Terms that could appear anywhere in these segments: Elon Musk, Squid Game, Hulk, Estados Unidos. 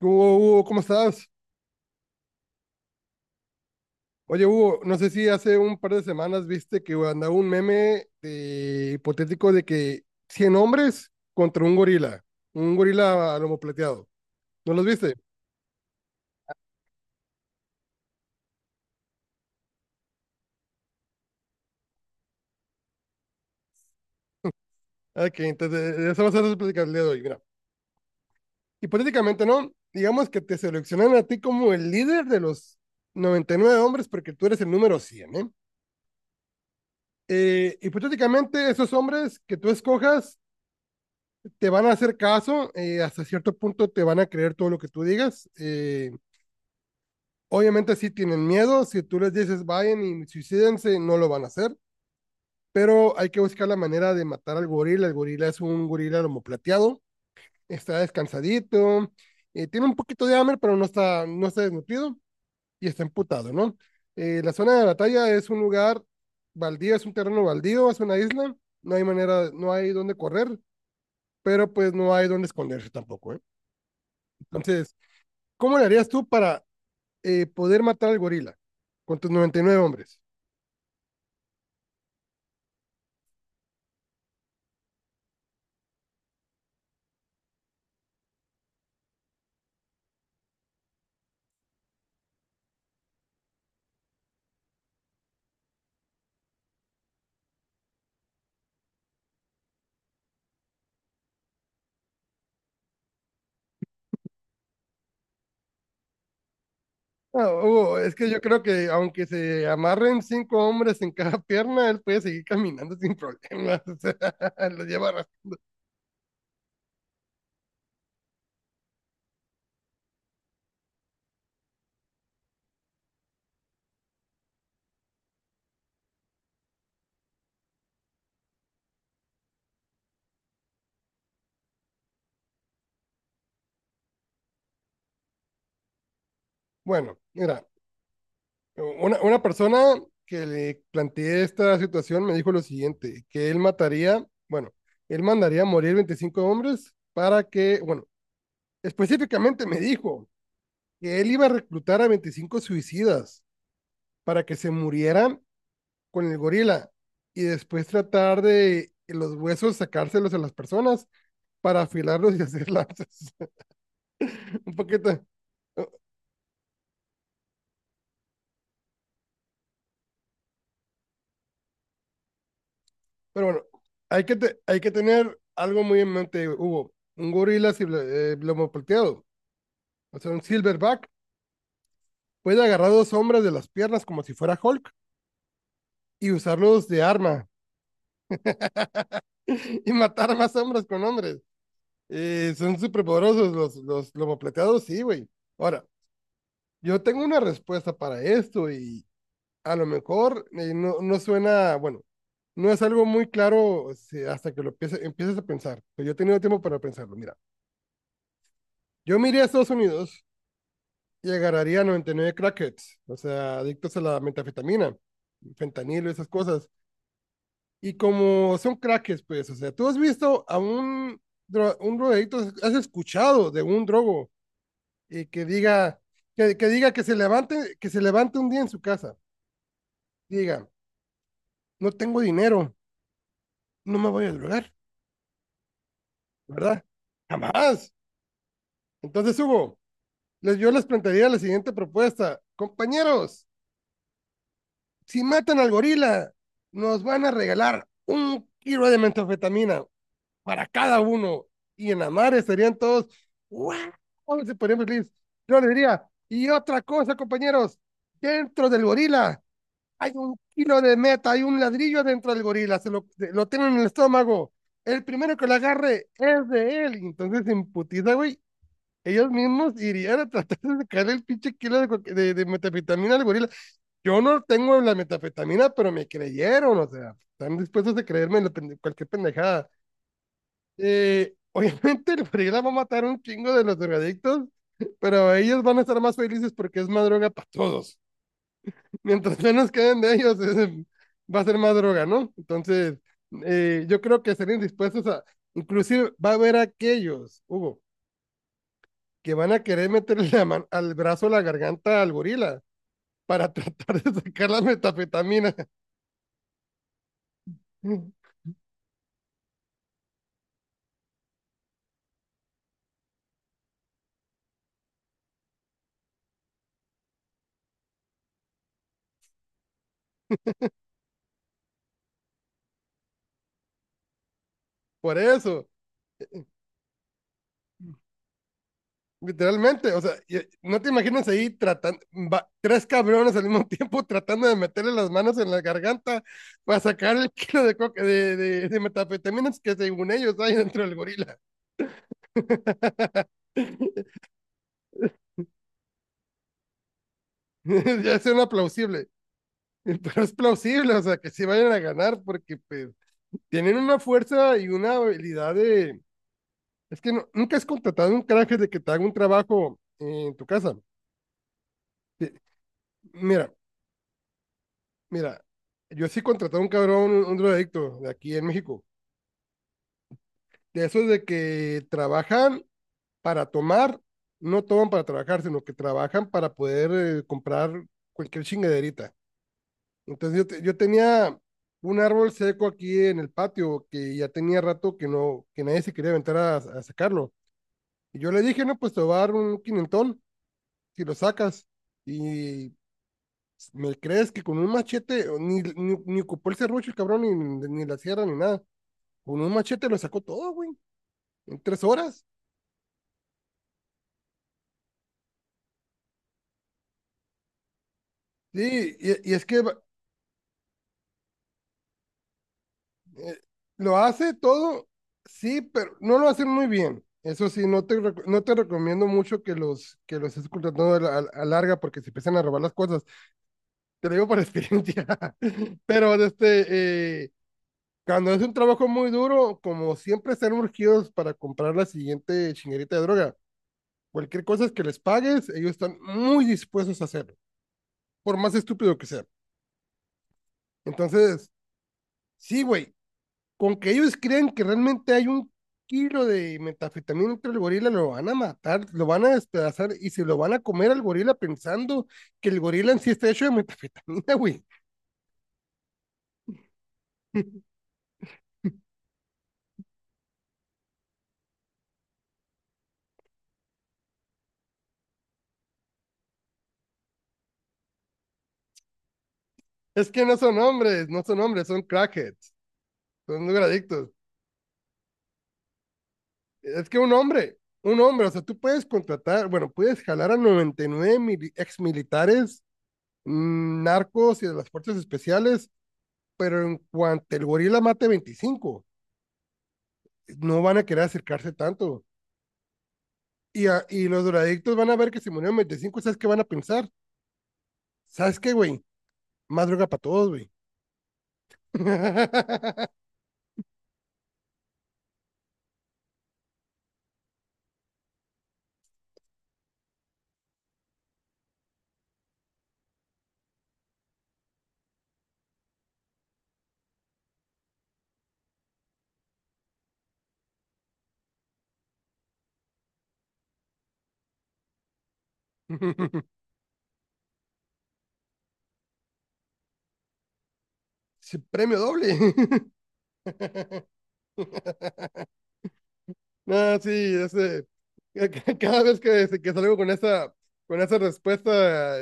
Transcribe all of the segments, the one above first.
Hugo, Hugo, ¿cómo estás? Oye, Hugo, no sé si hace un par de semanas viste que andaba un meme hipotético de que 100 hombres contra un gorila a lomo plateado. ¿No los viste? Ah, ok, entonces de eso vas a hacer platicar el día de hoy. Mira, hipotéticamente, ¿no? Digamos que te seleccionan a ti como el líder de los 99 hombres porque tú eres el número 100, ¿eh? Hipotéticamente, esos hombres que tú escojas te van a hacer caso, hasta cierto punto te van a creer todo lo que tú digas. Obviamente sí tienen miedo, si tú les dices vayan y suicídense, no lo van a hacer, pero hay que buscar la manera de matar al gorila. El gorila es un gorila lomo plateado, está descansadito. Tiene un poquito de hambre, pero no está desnutrido y está emputado, ¿no? La zona de batalla es un lugar baldío, es un terreno baldío, es una isla, no hay manera, no hay dónde correr, pero pues no hay dónde esconderse tampoco, ¿eh? Entonces, ¿cómo le harías tú para poder matar al gorila con tus 99 hombres? No, Hugo, es que yo creo que aunque se amarren cinco hombres en cada pierna, él puede seguir caminando sin problemas. O sea, lo lleva. Bueno, mira, una persona que le planteé esta situación me dijo lo siguiente, que él mataría, bueno, él mandaría a morir 25 hombres para que, bueno, específicamente me dijo que él iba a reclutar a 25 suicidas para que se murieran con el gorila y después tratar de los huesos sacárselos a las personas para afilarlos y hacer lanzas. Un poquito. Pero bueno, hay que tener algo muy en mente, Hugo. Un gorila si, lomo plateado, o sea, un silverback, puede agarrar dos hombres de las piernas como si fuera Hulk y usarlos de arma y matar más hombres con hombres. Son súper poderosos los lomo plateados, sí, güey. Ahora, yo tengo una respuesta para esto y, a lo mejor no, no suena, bueno, no es algo muy claro si hasta que lo empieces a pensar. Pero yo he tenido tiempo para pensarlo. Mira, yo me iría a Estados Unidos y agarraría 99 crackheads, o sea, adictos a la metafetamina, fentanilo, esas cosas. Y como son crackheads, pues, o sea, tú has visto a un drogadicto, has escuchado de un drogo y que diga, que diga que se levante un día en su casa, diga, no tengo dinero, no me voy a drogar, ¿verdad? Jamás. Entonces, Hugo, yo les plantearía la siguiente propuesta. Compañeros, si matan al gorila, nos van a regalar un kilo de metanfetamina para cada uno. Y en la madre estarían todos, ¡wow! Se ponían felices. Yo les diría, y otra cosa, compañeros, dentro del gorila hay un kilo de meta, hay un ladrillo dentro del gorila, lo tienen en el estómago. El primero que lo agarre es de él. Entonces se imputiza, güey, ellos mismos irían a tratar de sacarle el pinche kilo de metafetamina al gorila. Yo no tengo la metafetamina, pero me creyeron, o sea, están dispuestos a creerme cualquier pendejada. Obviamente el gorila va a matar un chingo de los drogadictos, pero ellos van a estar más felices porque es más droga para todos. Mientras menos queden de ellos, va a ser más droga, ¿no? Entonces, yo creo que estarían dispuestos a, inclusive va a haber aquellos, Hugo, que van a querer meterle la mano al brazo, a la garganta al gorila para tratar de sacar la metafetamina. Por eso, literalmente, o sea, no te imaginas ahí tratando, va, tres cabrones al mismo tiempo tratando de meterle las manos en la garganta para sacar el kilo de, coca, de metafetaminas que según ellos hay dentro del gorila. Ya suena plausible. Pero es plausible, o sea, que sí vayan a ganar porque pues, tienen una fuerza y una habilidad de. Es que nunca has contratado un canje de que te haga un trabajo en tu casa. Te- Mira, mira, yo sí contraté a un cabrón, un drogadicto de aquí en México. De esos de que trabajan para tomar, no toman para trabajar, sino que trabajan para poder comprar cualquier chingaderita. Entonces yo tenía un árbol seco aquí en el patio que ya tenía rato que no, que nadie se quería aventar a sacarlo. Y yo le dije, no, pues te voy a dar un quinentón si lo sacas. Y ¿me crees que con un machete o ni ocupó el serrucho el cabrón, ni la sierra, ni nada? Con un machete lo sacó todo, güey, en 3 horas. Sí, y es que eh, lo hace todo, sí, pero no lo hace muy bien. Eso sí, no te recomiendo mucho que los estés contratando a larga porque se empiezan a robar las cosas. Te lo digo por experiencia. Pero este, cuando es un trabajo muy duro, como siempre están urgidos para comprar la siguiente chinguerita de droga, cualquier cosa que les pagues, ellos están muy dispuestos a hacerlo, por más estúpido que sea. Entonces, sí, güey, con que ellos crean que realmente hay un kilo de metanfetamina entre el gorila, lo van a matar, lo van a despedazar y se lo van a comer al gorila pensando que el gorila en sí está hecho de metanfetamina, güey. Es que no son hombres, no son hombres, son crackheads, son drogadictos. Es que un hombre, o sea, tú puedes contratar, bueno, puedes jalar a 99 mil ex militares, narcos y de las fuerzas especiales, pero en cuanto el gorila mate 25, no van a querer acercarse tanto. Y los drogadictos van a ver que si murieron 25, ¿sabes qué van a pensar? ¿Sabes qué, güey? Más droga para todos, güey. Premio doble. No, sí, ese, cada vez que salgo con esa respuesta,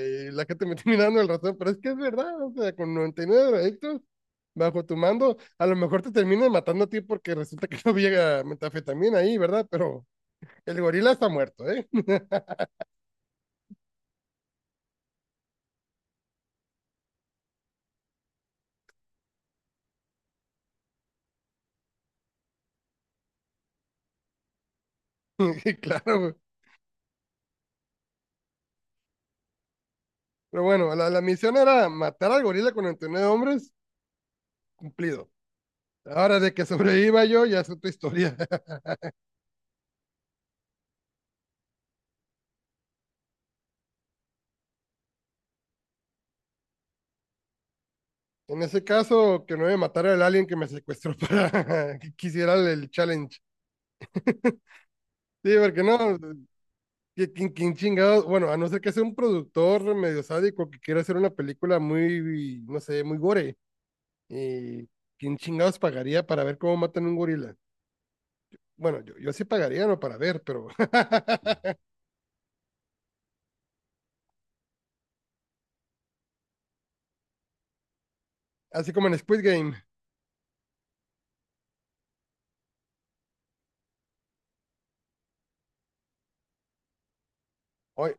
y la gente me está mirando el razón, pero es que es verdad, o sea, con 99 drogadictos bajo tu mando, a lo mejor te terminan matando a ti porque resulta que no había metafetamina ahí, ¿verdad? Pero el gorila está muerto, ¿eh? Y claro, güey. Pero bueno, la misión era matar al gorila con 99 hombres, cumplido. Ahora, de que sobreviva yo, ya es otra historia. En ese caso, que no me matara el alien que me secuestró para que quisiera el challenge. Sí, porque no, ¿que chingados? Bueno, a no ser que sea un productor medio sádico que quiera hacer una película muy, no sé, muy gore. ¿Y quién chingados pagaría para ver cómo matan un gorila? Bueno, yo sí pagaría, no para ver, pero así como en Squid Game. Hoy,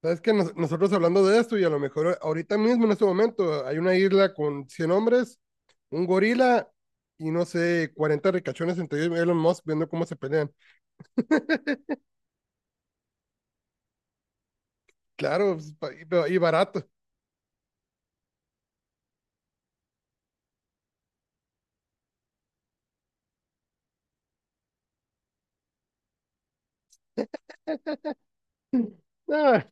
¿sabes que nosotros hablando de esto y a lo mejor ahorita mismo en este momento hay una isla con 100 hombres, un gorila y no sé, 40 ricachones entre ellos, Elon Musk viendo cómo se pelean? Claro, pues, y barato. Ah,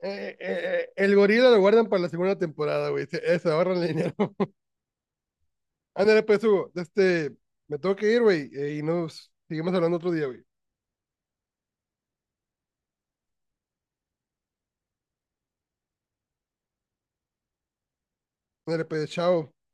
el gorila lo guardan para la segunda temporada, güey. Se ahorran dinero. Ándale, pues, Hugo, este, me tengo que ir, güey, y nos seguimos hablando otro día, güey. Ándale, pues, chao.